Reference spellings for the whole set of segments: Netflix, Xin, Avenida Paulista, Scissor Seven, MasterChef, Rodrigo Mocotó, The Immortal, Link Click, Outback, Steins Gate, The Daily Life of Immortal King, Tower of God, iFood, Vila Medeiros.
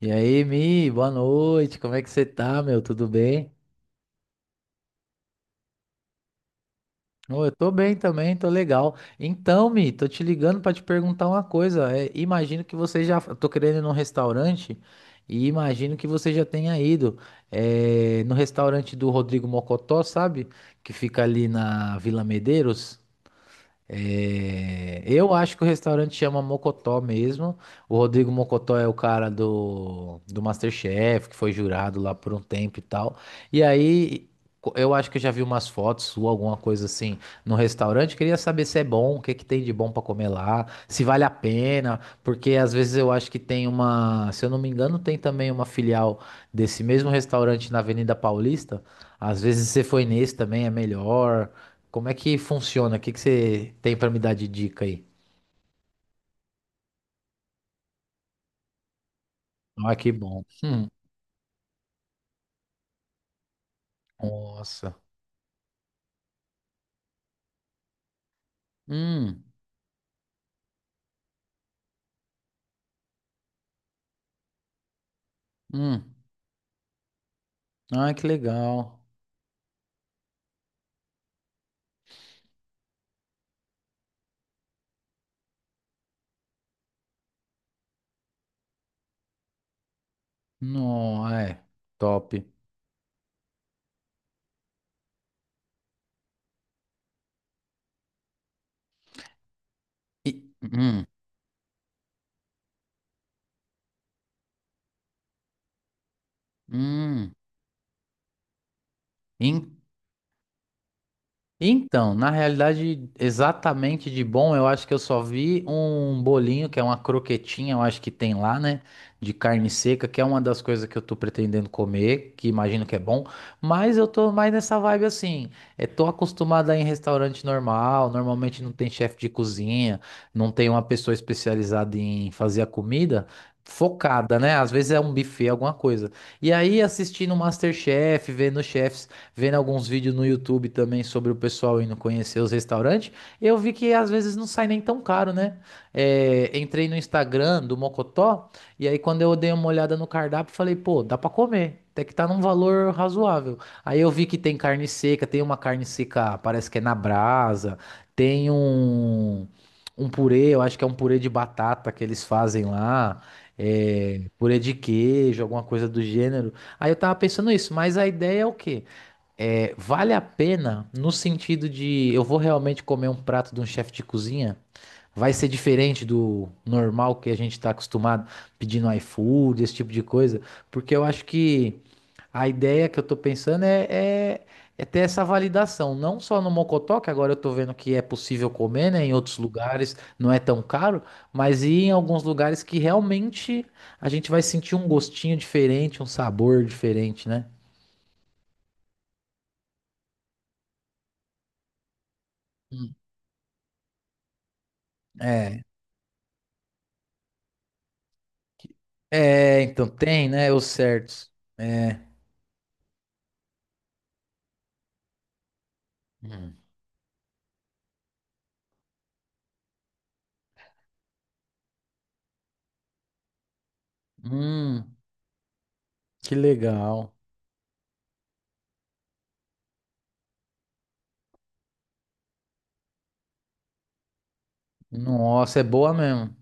E aí, Mi, boa noite. Como é que você tá, meu? Tudo bem? Ô, eu tô bem também, tô legal. Então, Mi, tô te ligando pra te perguntar uma coisa. É, imagino que você já. Eu tô querendo ir num restaurante e imagino que você já tenha ido no restaurante do Rodrigo Mocotó, sabe? Que fica ali na Vila Medeiros. É, eu acho que o restaurante chama Mocotó mesmo. O Rodrigo Mocotó é o cara do MasterChef, que foi jurado lá por um tempo e tal. E aí, eu acho que eu já vi umas fotos sua, alguma coisa assim, no restaurante. Queria saber se é bom, o que que tem de bom pra comer lá, se vale a pena, porque às vezes eu acho que tem uma, se eu não me engano, tem também uma filial desse mesmo restaurante na Avenida Paulista. Às vezes você foi nesse também, é melhor. Como é que funciona? O que que você tem pra me dar de dica aí? Ah, que bom. Nossa. Hum, hum. Ah, que legal. Não, é. Top. E, hum, hum. Então, na realidade, exatamente de bom, eu acho que eu só vi um bolinho, que é uma croquetinha, eu acho que tem lá, né? De carne seca, que é uma das coisas que eu tô pretendendo comer, que imagino que é bom, mas eu tô mais nessa vibe assim. É, tô acostumado a ir em restaurante normal, normalmente não tem chefe de cozinha, não tem uma pessoa especializada em fazer a comida. Focada, né? Às vezes é um buffet, alguma coisa. E aí, assistindo o MasterChef, vendo o chefe, vendo alguns vídeos no YouTube também sobre o pessoal indo conhecer os restaurantes, eu vi que às vezes não sai nem tão caro, né? É, entrei no Instagram do Mocotó, e aí quando eu dei uma olhada no cardápio, falei, pô, dá pra comer. Até que tá num valor razoável. Aí eu vi que tem carne seca, tem uma carne seca, parece que é na brasa, tem um, um purê, eu acho que é um purê de batata que eles fazem lá, é, purê de queijo, alguma coisa do gênero. Aí eu tava pensando isso, mas a ideia é o quê? É, vale a pena no sentido de eu vou realmente comer um prato de um chefe de cozinha? Vai ser diferente do normal que a gente está acostumado pedindo iFood, esse tipo de coisa? Porque eu acho que a ideia que eu tô pensando é, é, é ter essa validação, não só no Mocotó, que agora eu tô vendo que é possível comer, né? Em outros lugares não é tão caro, mas ir em alguns lugares que realmente a gente vai sentir um gostinho diferente, um sabor diferente, né? Hum. É, é, então tem, né? Os certos. É. Hum. Hum, que legal. Nossa, é boa mesmo.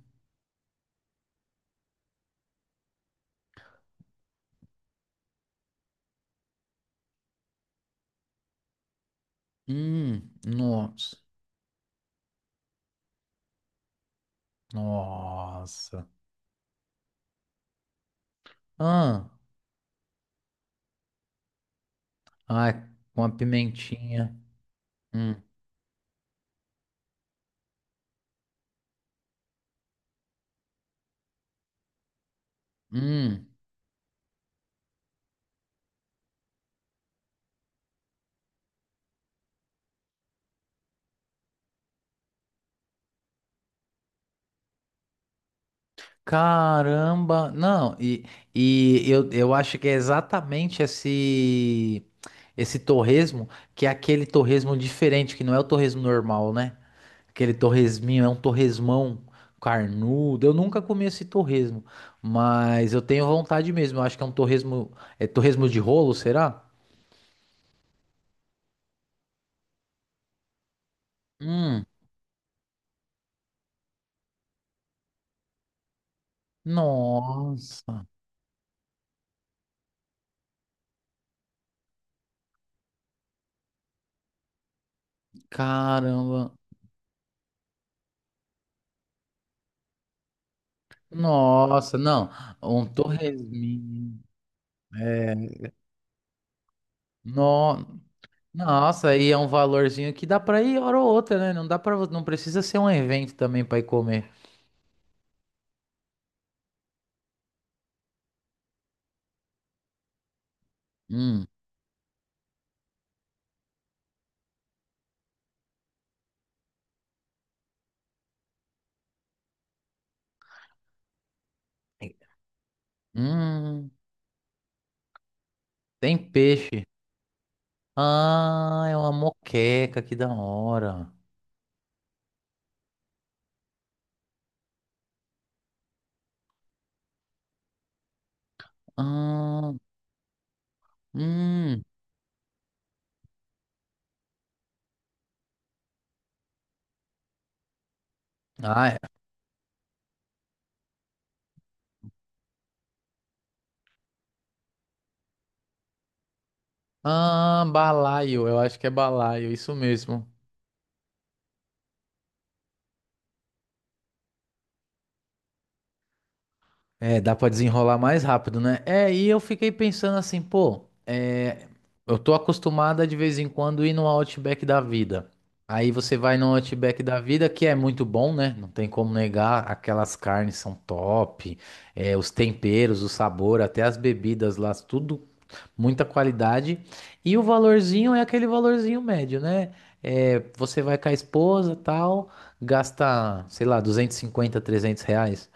Nossa. Nossa. Ah, ai, com a pimentinha. Hum, hum. Caramba. Não, e eu acho que é exatamente esse, esse torresmo, que é aquele torresmo diferente, que não é o torresmo normal, né? Aquele torresminho, é um torresmão carnudo. Eu nunca comi esse torresmo, mas eu tenho vontade mesmo. Eu acho que é um torresmo, é torresmo de rolo, será? Hum, nossa, caramba. Nossa, não, um torresminho. É, no, nossa, aí é um valorzinho que dá pra ir hora ou outra, né? Não dá para, não precisa ser um evento também pra ir comer. Hum, hum, tem peixe. Ah, é uma moqueca, que da hora. Ah, hum. Ah, é. Ah, balaio, eu acho que é balaio, isso mesmo. É, dá pra desenrolar mais rápido, né? É, e eu fiquei pensando assim, pô, é, eu tô acostumada de vez em quando ir no Outback da vida. Aí você vai no Outback da vida, que é muito bom, né? Não tem como negar, aquelas carnes são top, é, os temperos, o sabor, até as bebidas lá, tudo muita qualidade. E o valorzinho é aquele valorzinho médio, né? É, você vai com a esposa, tal, gasta, sei lá, 250 R$ 300.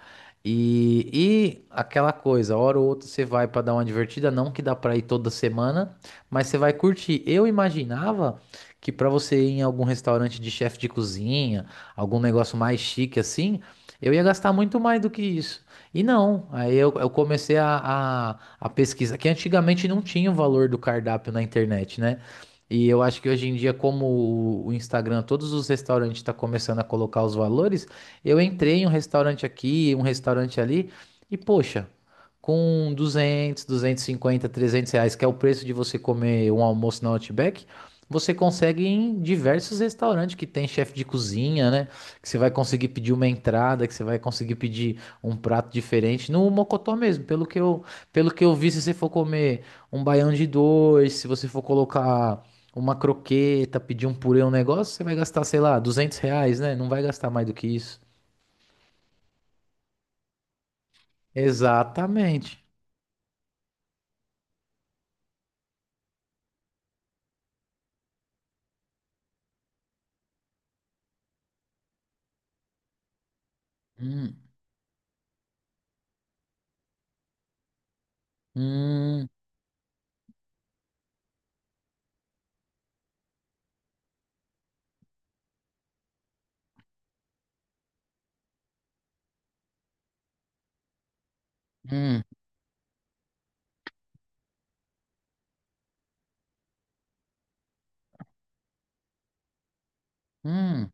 E, e aquela coisa, hora ou outra você vai para dar uma divertida, não que dá para ir toda semana, mas você vai curtir. Eu imaginava que para você ir em algum restaurante de chefe de cozinha, algum negócio mais chique assim, eu ia gastar muito mais do que isso. E não, aí eu comecei a a pesquisa, que antigamente não tinha o valor do cardápio na internet, né? E eu acho que hoje em dia, como o Instagram, todos os restaurantes estão começando a colocar os valores, eu entrei em um restaurante aqui, um restaurante ali, e poxa, com 200 250 trezentos reais, que é o preço de você comer um almoço na Outback, você consegue ir em diversos restaurantes que tem chefe de cozinha, né? Que você vai conseguir pedir uma entrada, que você vai conseguir pedir um prato diferente, no Mocotó mesmo, pelo que eu vi, se você for comer um baião de dois, se você for colocar uma croqueta, pedir um purê, um negócio, você vai gastar, sei lá, R$ 200, né? Não vai gastar mais do que isso. Exatamente. Hum, hum, hum, hum.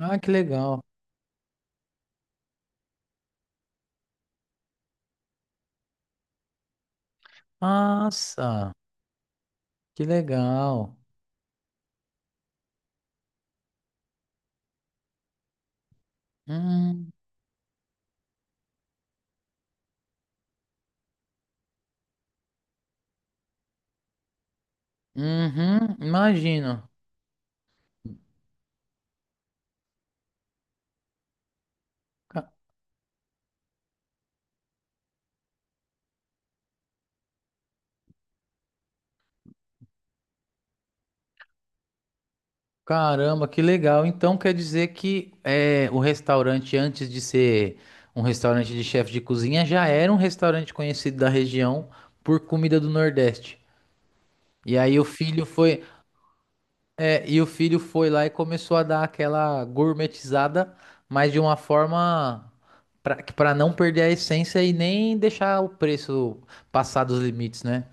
Ah, que legal. Nossa, que legal. Hum, uhum, imagino. Caramba, que legal. Então quer dizer que é, o restaurante, antes de ser um restaurante de chefe de cozinha, já era um restaurante conhecido da região por comida do Nordeste. E aí o filho foi, e o filho foi lá e começou a dar aquela gourmetizada, mas de uma forma para não perder a essência e nem deixar o preço passar dos limites, né?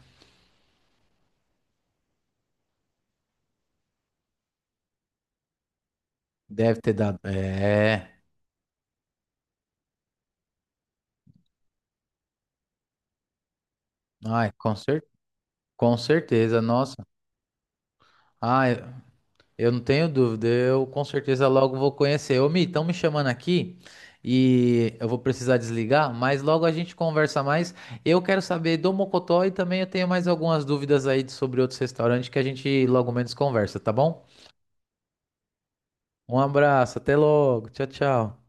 Deve ter dado. É. Ai, com certeza, nossa. Ah, eu não tenho dúvida, eu com certeza logo vou conhecer. Ô, Mi, estão me chamando aqui e eu vou precisar desligar, mas logo a gente conversa mais. Eu quero saber do Mocotó e também eu tenho mais algumas dúvidas aí sobre outros restaurantes que a gente logo menos conversa, tá bom? Um abraço, até logo, tchau, tchau.